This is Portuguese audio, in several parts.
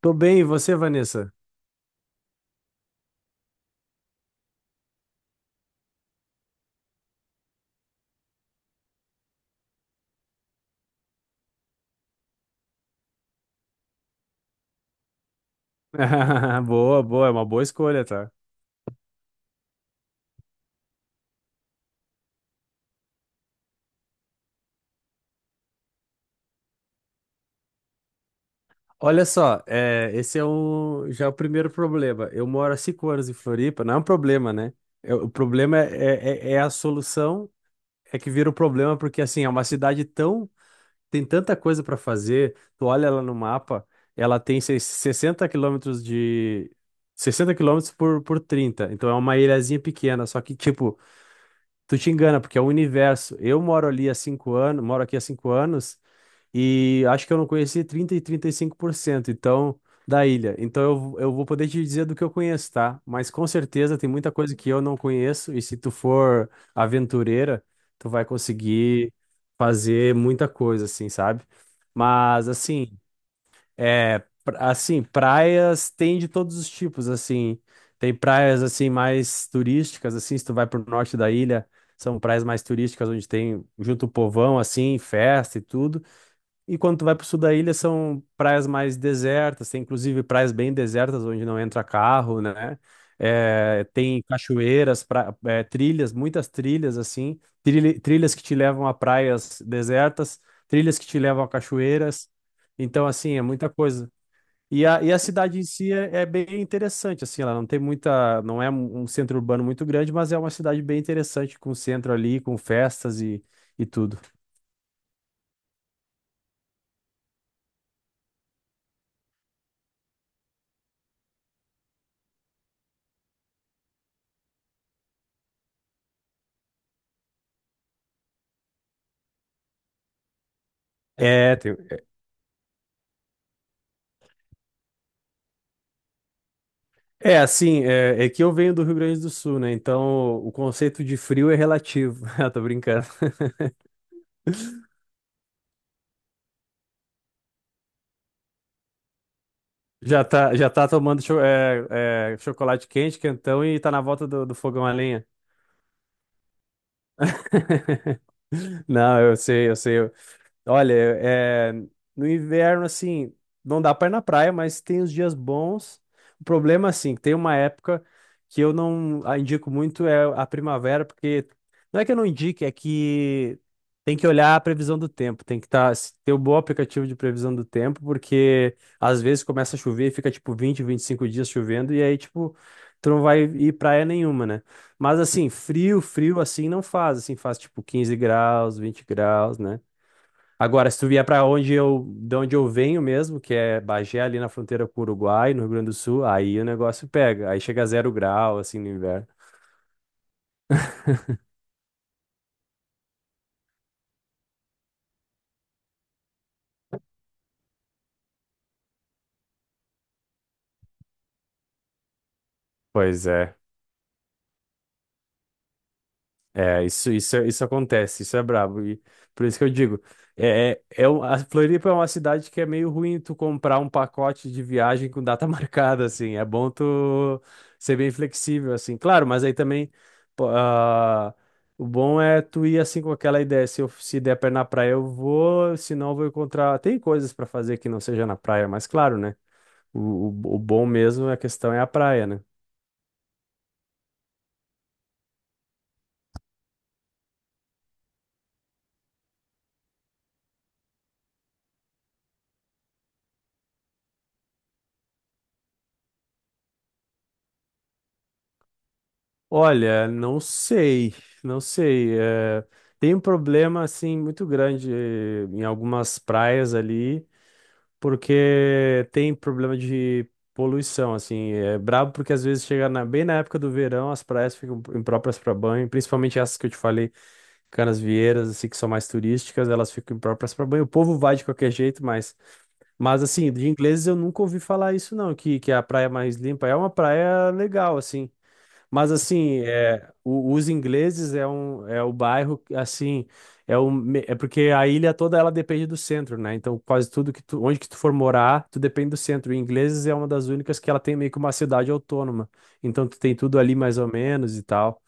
Tô bem, e você, Vanessa? Boa, boa, é uma boa escolha, tá? Olha só, já é o primeiro problema. Eu moro há 5 anos em Floripa, não é um problema, né? O problema é a solução, é que vira o problema, porque assim, é uma cidade tão. Tem tanta coisa para fazer. Tu olha ela no mapa, ela tem 60 quilômetros de. 60 quilômetros por 30. Então é uma ilhazinha pequena, só que, tipo, tu te engana, porque é o universo. Eu moro ali há 5 anos, moro aqui há 5 anos. E acho que eu não conheci 35% então da ilha. Então eu vou poder te dizer do que eu conheço, tá? Mas com certeza tem muita coisa que eu não conheço, e se tu for aventureira, tu vai conseguir fazer muita coisa assim, sabe? Mas assim, assim, praias tem de todos os tipos, assim. Tem praias assim mais turísticas, assim, se tu vai pro norte da ilha, são praias mais turísticas, onde tem junto o povão assim, festa e tudo. E quando tu vai pro sul da ilha, são praias mais desertas, tem inclusive praias bem desertas, onde não entra carro, né? É, tem cachoeiras, trilhas, muitas trilhas, assim, trilhas que te levam a praias desertas, trilhas que te levam a cachoeiras. Então, assim, é muita coisa. E a cidade em si é bem interessante, assim, ela não tem muita, não é um centro urbano muito grande, mas é uma cidade bem interessante, com centro ali, com festas e tudo. É, tem. É, assim, é que eu venho do Rio Grande do Sul, né? Então o conceito de frio é relativo. Ah, tô brincando. Já tá tomando chocolate quente, quentão, e tá na volta do fogão a lenha. Não, eu sei, eu sei. Olha, no inverno, assim, não dá pra ir na praia, mas tem os dias bons. O problema, assim, que tem uma época que eu não indico muito é a primavera, porque não é que eu não indique, é que tem que olhar a previsão do tempo, ter um bom aplicativo de previsão do tempo, porque às vezes começa a chover e fica, tipo, 25 dias chovendo, e aí, tipo, tu não vai ir praia nenhuma, né? Mas, assim, frio, frio, assim, não faz, assim, faz, tipo, 15 graus, 20 graus, né? Agora, se tu vier para onde de onde eu venho mesmo, que é Bagé, ali na fronteira com o Uruguai, no Rio Grande do Sul, aí o negócio pega. Aí chega a 0 grau, assim, no inverno. Pois é. É, isso acontece, isso é brabo. E por isso que eu digo, a Floripa é uma cidade que é meio ruim tu comprar um pacote de viagem com data marcada, assim. É bom tu ser bem flexível, assim. Claro, mas aí também, pô, ah, o bom é tu ir assim com aquela ideia: se der pra ir na praia eu vou, se não eu vou encontrar. Tem coisas pra fazer que não seja na praia, mas claro, né? O bom mesmo, a questão é a praia, né? Olha, não sei, não sei. Tem um problema assim muito grande, em algumas praias ali, porque tem problema de poluição, assim. É brabo porque às vezes chega bem na época do verão, as praias ficam impróprias para banho, principalmente essas que eu te falei. Canasvieiras, assim, que são mais turísticas, elas ficam impróprias para banho. O povo vai de qualquer jeito, mas assim, de Ingleses eu nunca ouvi falar isso não, que é a praia mais limpa; é uma praia legal, assim. Mas assim, os Ingleses é é o bairro que, assim, é porque a ilha toda ela depende do centro, né? Então quase tudo onde que tu for morar, tu depende do centro. E Ingleses é uma das únicas que ela tem meio que uma cidade autônoma. Então tu tem tudo ali mais ou menos e tal.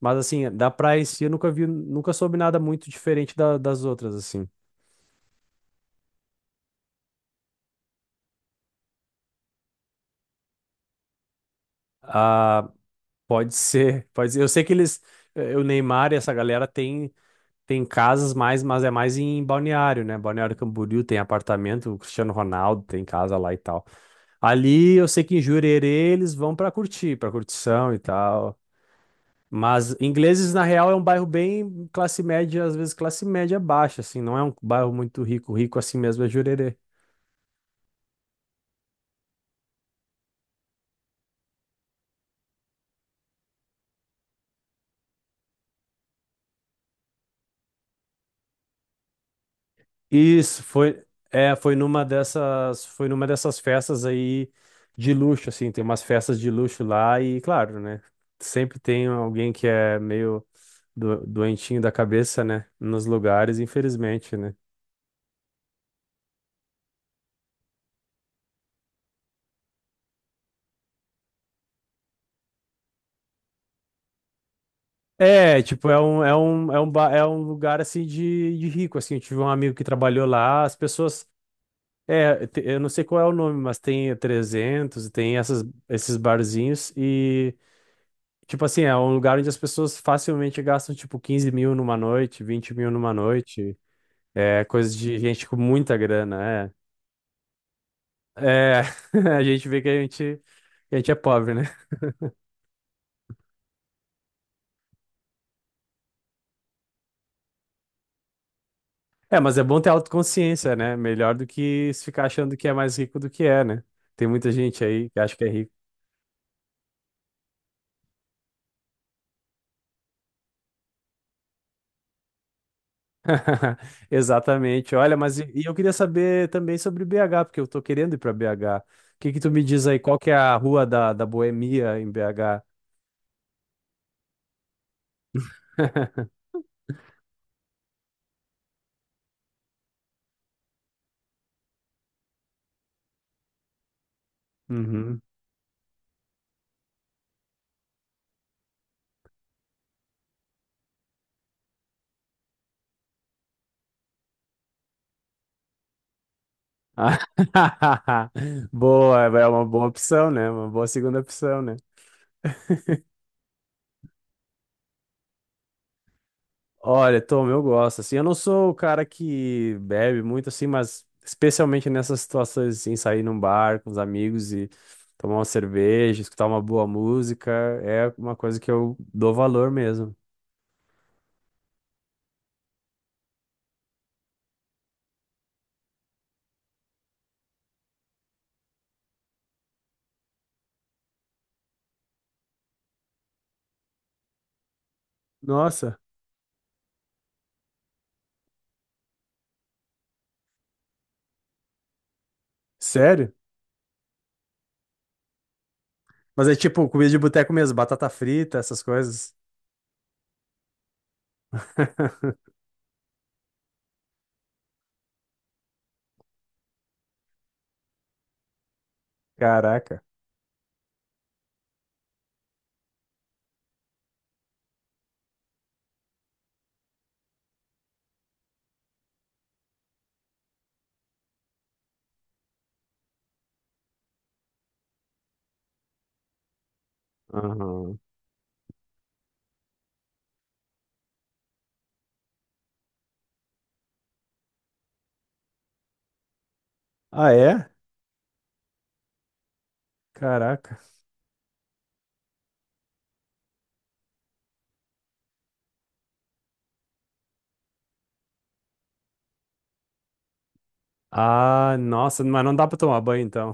Mas assim, da praia em si eu nunca vi, nunca soube nada muito diferente das outras assim. Ah, pode ser, pode ser. Eu sei que eles, o Neymar e essa galera, tem. Tem casas mais, mas é mais em Balneário, né? Balneário Camboriú tem apartamento, o Cristiano Ronaldo tem casa lá e tal. Ali eu sei que em Jurerê eles vão pra curtição e tal. Mas Ingleses, na real, é um bairro bem classe média, às vezes classe média baixa, assim, não é um bairro muito rico; rico assim mesmo é Jurerê. Isso foi, foi numa dessas, festas aí de luxo, assim, tem umas festas de luxo lá e, claro, né? Sempre tem alguém que é meio doentinho da cabeça, né? Nos lugares, infelizmente, né? É, tipo, é um lugar, assim, de rico, assim. Eu tive um amigo que trabalhou lá, as pessoas, eu não sei qual é o nome, mas tem 300. Tem esses barzinhos. Tipo assim, é um lugar onde as pessoas facilmente gastam, tipo, 15 mil numa noite, 20 mil numa noite. É coisa de gente com muita grana, é. É, a gente vê que que a gente é pobre, né? É, mas é bom ter autoconsciência, né? Melhor do que se ficar achando que é mais rico do que é, né? Tem muita gente aí que acha que é rico. Exatamente. Olha, mas e eu queria saber também sobre BH, porque eu tô querendo ir para BH. O que que tu me diz aí? Qual que é a rua da, Boemia em BH? Uhum. Boa, é uma boa opção, né? Uma boa segunda opção, né? Olha, Tom, eu gosto, assim. Eu não sou o cara que bebe muito, assim, mas especialmente nessas situações, assim, sair num bar com os amigos e tomar uma cerveja, escutar uma boa música, é uma coisa que eu dou valor mesmo. Nossa, sério? Mas é tipo comida de boteco mesmo, batata frita, essas coisas. Caraca. Aham. Ah, é? Caraca. Ah, nossa, mas não dá pra tomar banho então.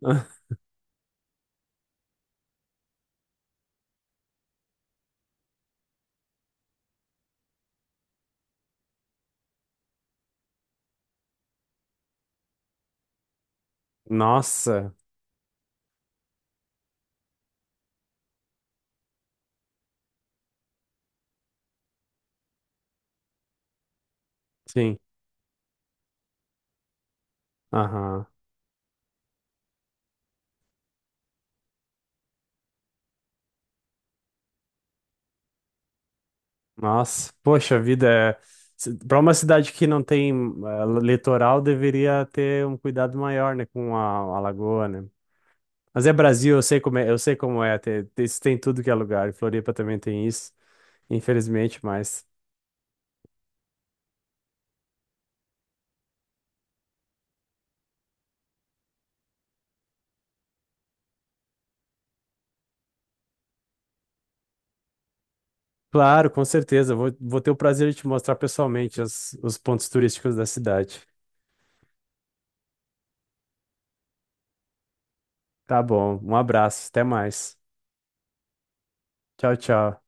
Nossa, sim. Aham. Nossa, poxa vida. Uma cidade que não tem litoral deveria ter um cuidado maior, né, com a lagoa, né? Mas é Brasil, eu sei como é, eu sei como é, isso tem em tudo que é lugar. E Floripa também tem isso, infelizmente, mas claro, com certeza vou ter o prazer de te mostrar pessoalmente os pontos turísticos da cidade. Tá bom, um abraço, até mais. Tchau, tchau.